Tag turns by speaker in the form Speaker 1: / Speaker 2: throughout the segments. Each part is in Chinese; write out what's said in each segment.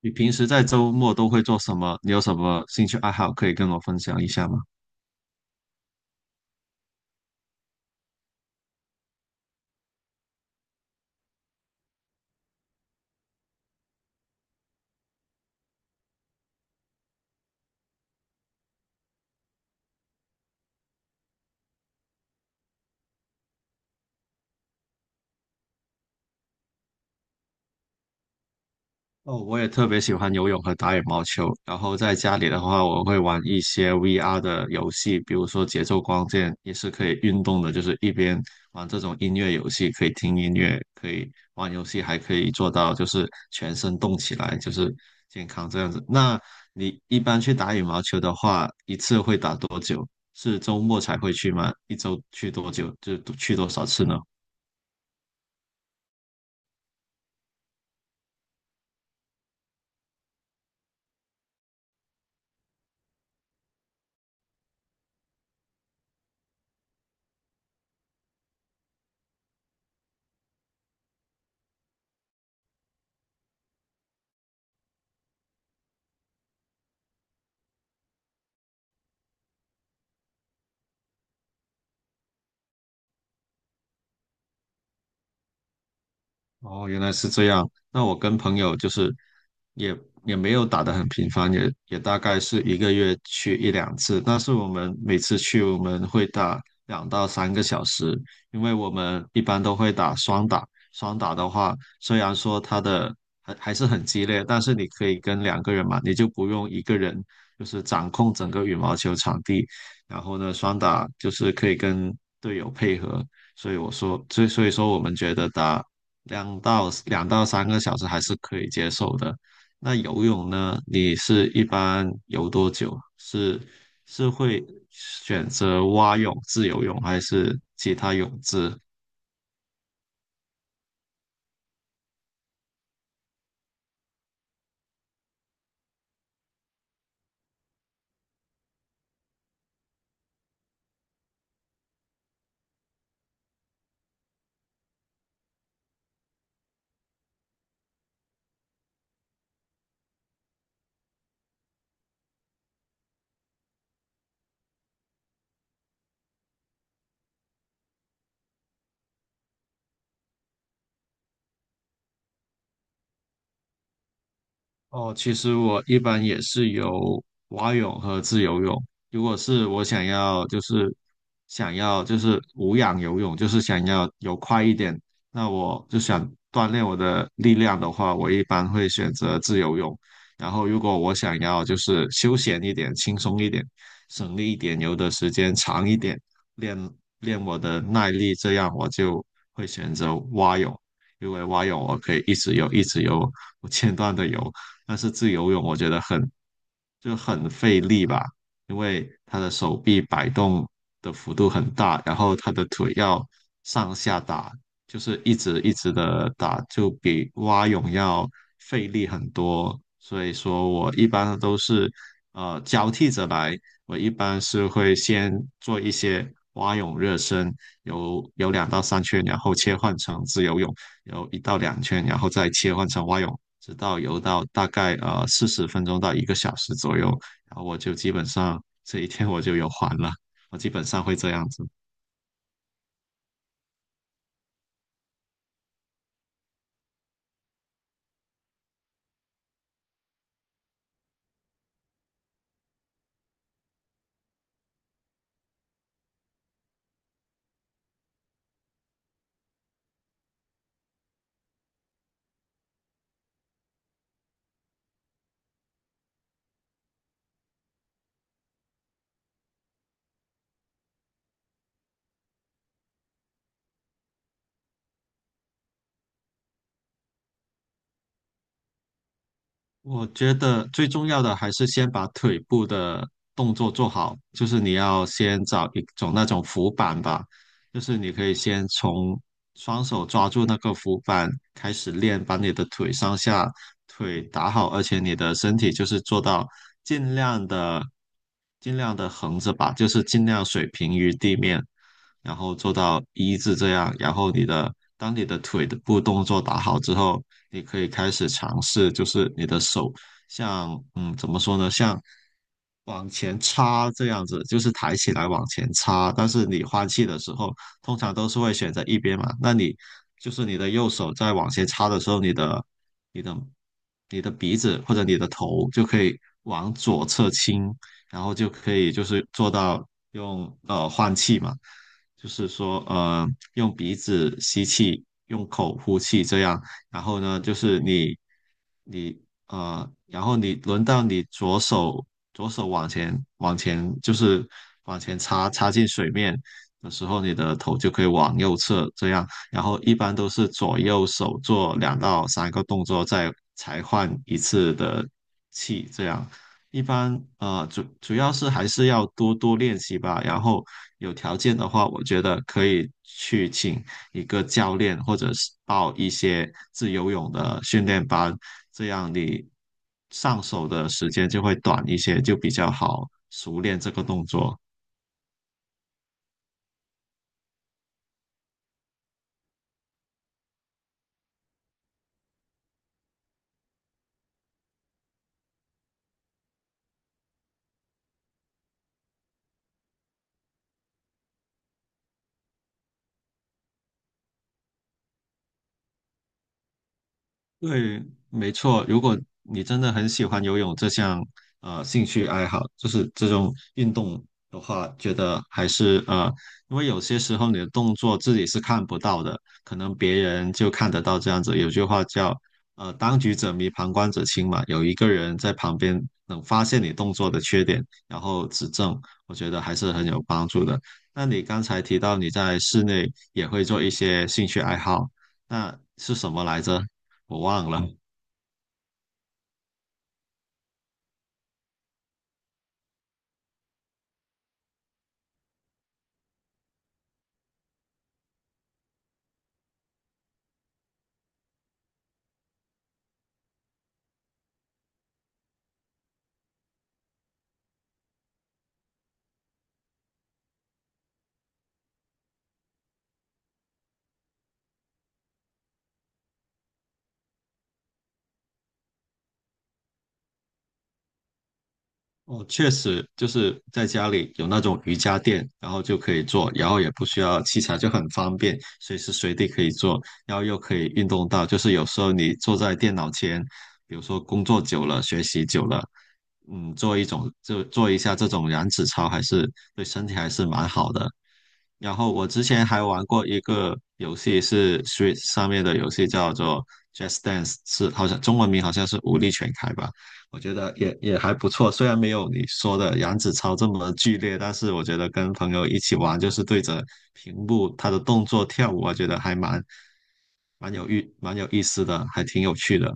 Speaker 1: 你平时在周末都会做什么？你有什么兴趣爱好可以跟我分享一下吗？哦，我也特别喜欢游泳和打羽毛球。然后在家里的话，我会玩一些 VR 的游戏，比如说节奏光剑，也是可以运动的，就是一边玩这种音乐游戏，可以听音乐，可以玩游戏，还可以做到就是全身动起来，就是健康这样子。那你一般去打羽毛球的话，一次会打多久？是周末才会去吗？一周去多久？就去多少次呢？哦，原来是这样。那我跟朋友就是也也没有打得很频繁，也大概是一个月去一两次。但是我们每次去，我们会打两到三个小时，因为我们一般都会打双打。双打的话，虽然说它的还是很激烈，但是你可以跟两个人嘛，你就不用一个人就是掌控整个羽毛球场地。然后呢，双打就是可以跟队友配合，所以我说，所以说我们觉得打两到三个小时还是可以接受的。那游泳呢？你是一般游多久？是是会选择蛙泳、自由泳还是其他泳姿？哦，其实我一般也是游蛙泳和自由泳。如果是我想要，就是想要就是无氧游泳，就是想要游快一点，那我就想锻炼我的力量的话，我一般会选择自由泳。然后如果我想要就是休闲一点、轻松一点、省力一点、游的时间长一点，练练我的耐力，这样我就会选择蛙泳，因为蛙泳我可以一直游、一直游，不间断的游。但是自由泳我觉得很就很费力吧，因为他的手臂摆动的幅度很大，然后他的腿要上下打，就是一直一直的打，就比蛙泳要费力很多。所以说我一般都是交替着来，我一般是会先做一些蛙泳热身，有两到三圈，然后切换成自由泳，有一到两圈，然后再切换成蛙泳，直到游到大概四十分钟到一个小时左右，然后我就基本上这一天我就游完了，我基本上会这样子。我觉得最重要的还是先把腿部的动作做好，就是你要先找一种那种浮板吧，就是你可以先从双手抓住那个浮板开始练，把你的腿上下腿打好，而且你的身体就是做到尽量的尽量的横着吧，就是尽量水平于地面，然后做到一字这样，然后你的当你的腿的部动作打好之后，你可以开始尝试，就是你的手像怎么说呢，像往前插这样子，就是抬起来往前插。但是你换气的时候，通常都是会选择一边嘛，那你就是你的右手在往前插的时候，你的你的鼻子或者你的头就可以往左侧倾，然后就可以就是做到用换气嘛。就是说，用鼻子吸气，用口呼气，这样。然后呢，就是你,然后你轮到你左手，左手往前，往前，就是往前插，插进水面的时候，你的头就可以往右侧这样。然后一般都是左右手做两到三个动作，再才换一次的气，这样。一般主要是还是要多多练习吧，然后有条件的话，我觉得可以去请一个教练，或者是报一些自由泳的训练班，这样你上手的时间就会短一些，就比较好熟练这个动作。对，没错。如果你真的很喜欢游泳这项兴趣爱好，就是这种运动的话，觉得还是因为有些时候你的动作自己是看不到的，可能别人就看得到这样子。有句话叫“当局者迷，旁观者清”嘛，有一个人在旁边能发现你动作的缺点，然后指正，我觉得还是很有帮助的。那你刚才提到你在室内也会做一些兴趣爱好，那是什么来着？我忘了。哦，确实就是在家里有那种瑜伽垫，然后就可以做，然后也不需要器材，就很方便，随时随地可以做，然后又可以运动到。就是有时候你坐在电脑前，比如说工作久了、学习久了，嗯，做一种就做一下这种燃脂操，还是对身体还是蛮好的。然后我之前还玩过一个游戏，是 Switch 上面的游戏，叫做 Just Dance,是好像中文名好像是舞力全开吧。我觉得也还不错，虽然没有你说的杨子超这么剧烈，但是我觉得跟朋友一起玩，就是对着屏幕他的动作跳舞，我觉得还蛮有意思的，还挺有趣的。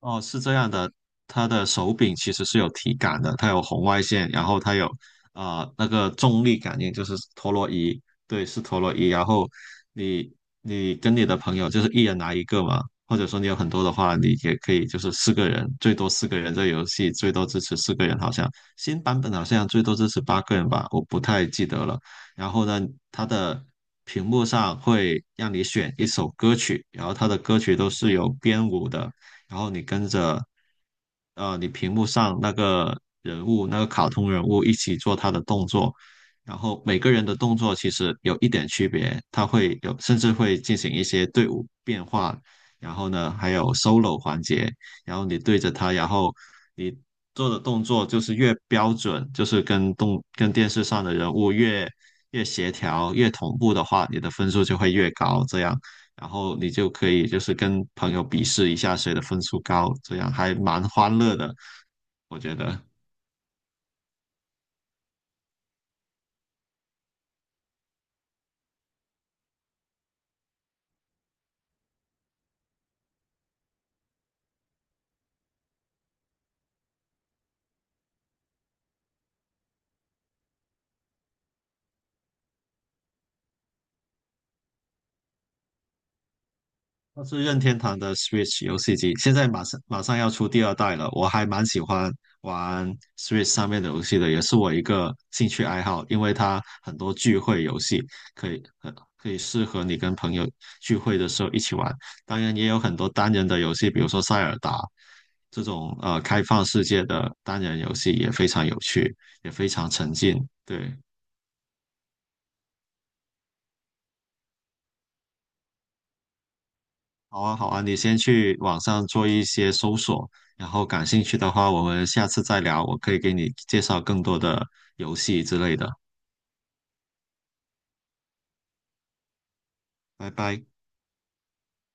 Speaker 1: 哦，是这样的，它的手柄其实是有体感的，它有红外线，然后它有那个重力感应，就是陀螺仪，对，是陀螺仪。然后你你跟你的朋友就是一人拿一个嘛，或者说你有很多的话，你也可以就是四个人，最多四个人，这游戏最多支持四个人，好像新版本好像最多支持八个人吧，我不太记得了。然后呢，它的屏幕上会让你选一首歌曲，然后它的歌曲都是有编舞的。然后你跟着你屏幕上那个人物那个卡通人物一起做他的动作，然后每个人的动作其实有一点区别，他会有甚至会进行一些队伍变化，然后呢还有 solo 环节，然后你对着他，然后你做的动作就是越标准，就是跟动跟电视上的人物越协调越同步的话，你的分数就会越高，这样。然后你就可以就是跟朋友比试一下谁的分数高，这样还蛮欢乐的，我觉得。它是任天堂的 Switch 游戏机，现在马上要出第二代了，我还蛮喜欢玩 Switch 上面的游戏的，也是我一个兴趣爱好，因为它很多聚会游戏很可以适合你跟朋友聚会的时候一起玩，当然也有很多单人的游戏，比如说塞尔达这种开放世界的单人游戏也非常有趣，也非常沉浸，对。好啊，好啊，你先去网上做一些搜索，然后感兴趣的话，我们下次再聊，我可以给你介绍更多的游戏之类的。拜拜。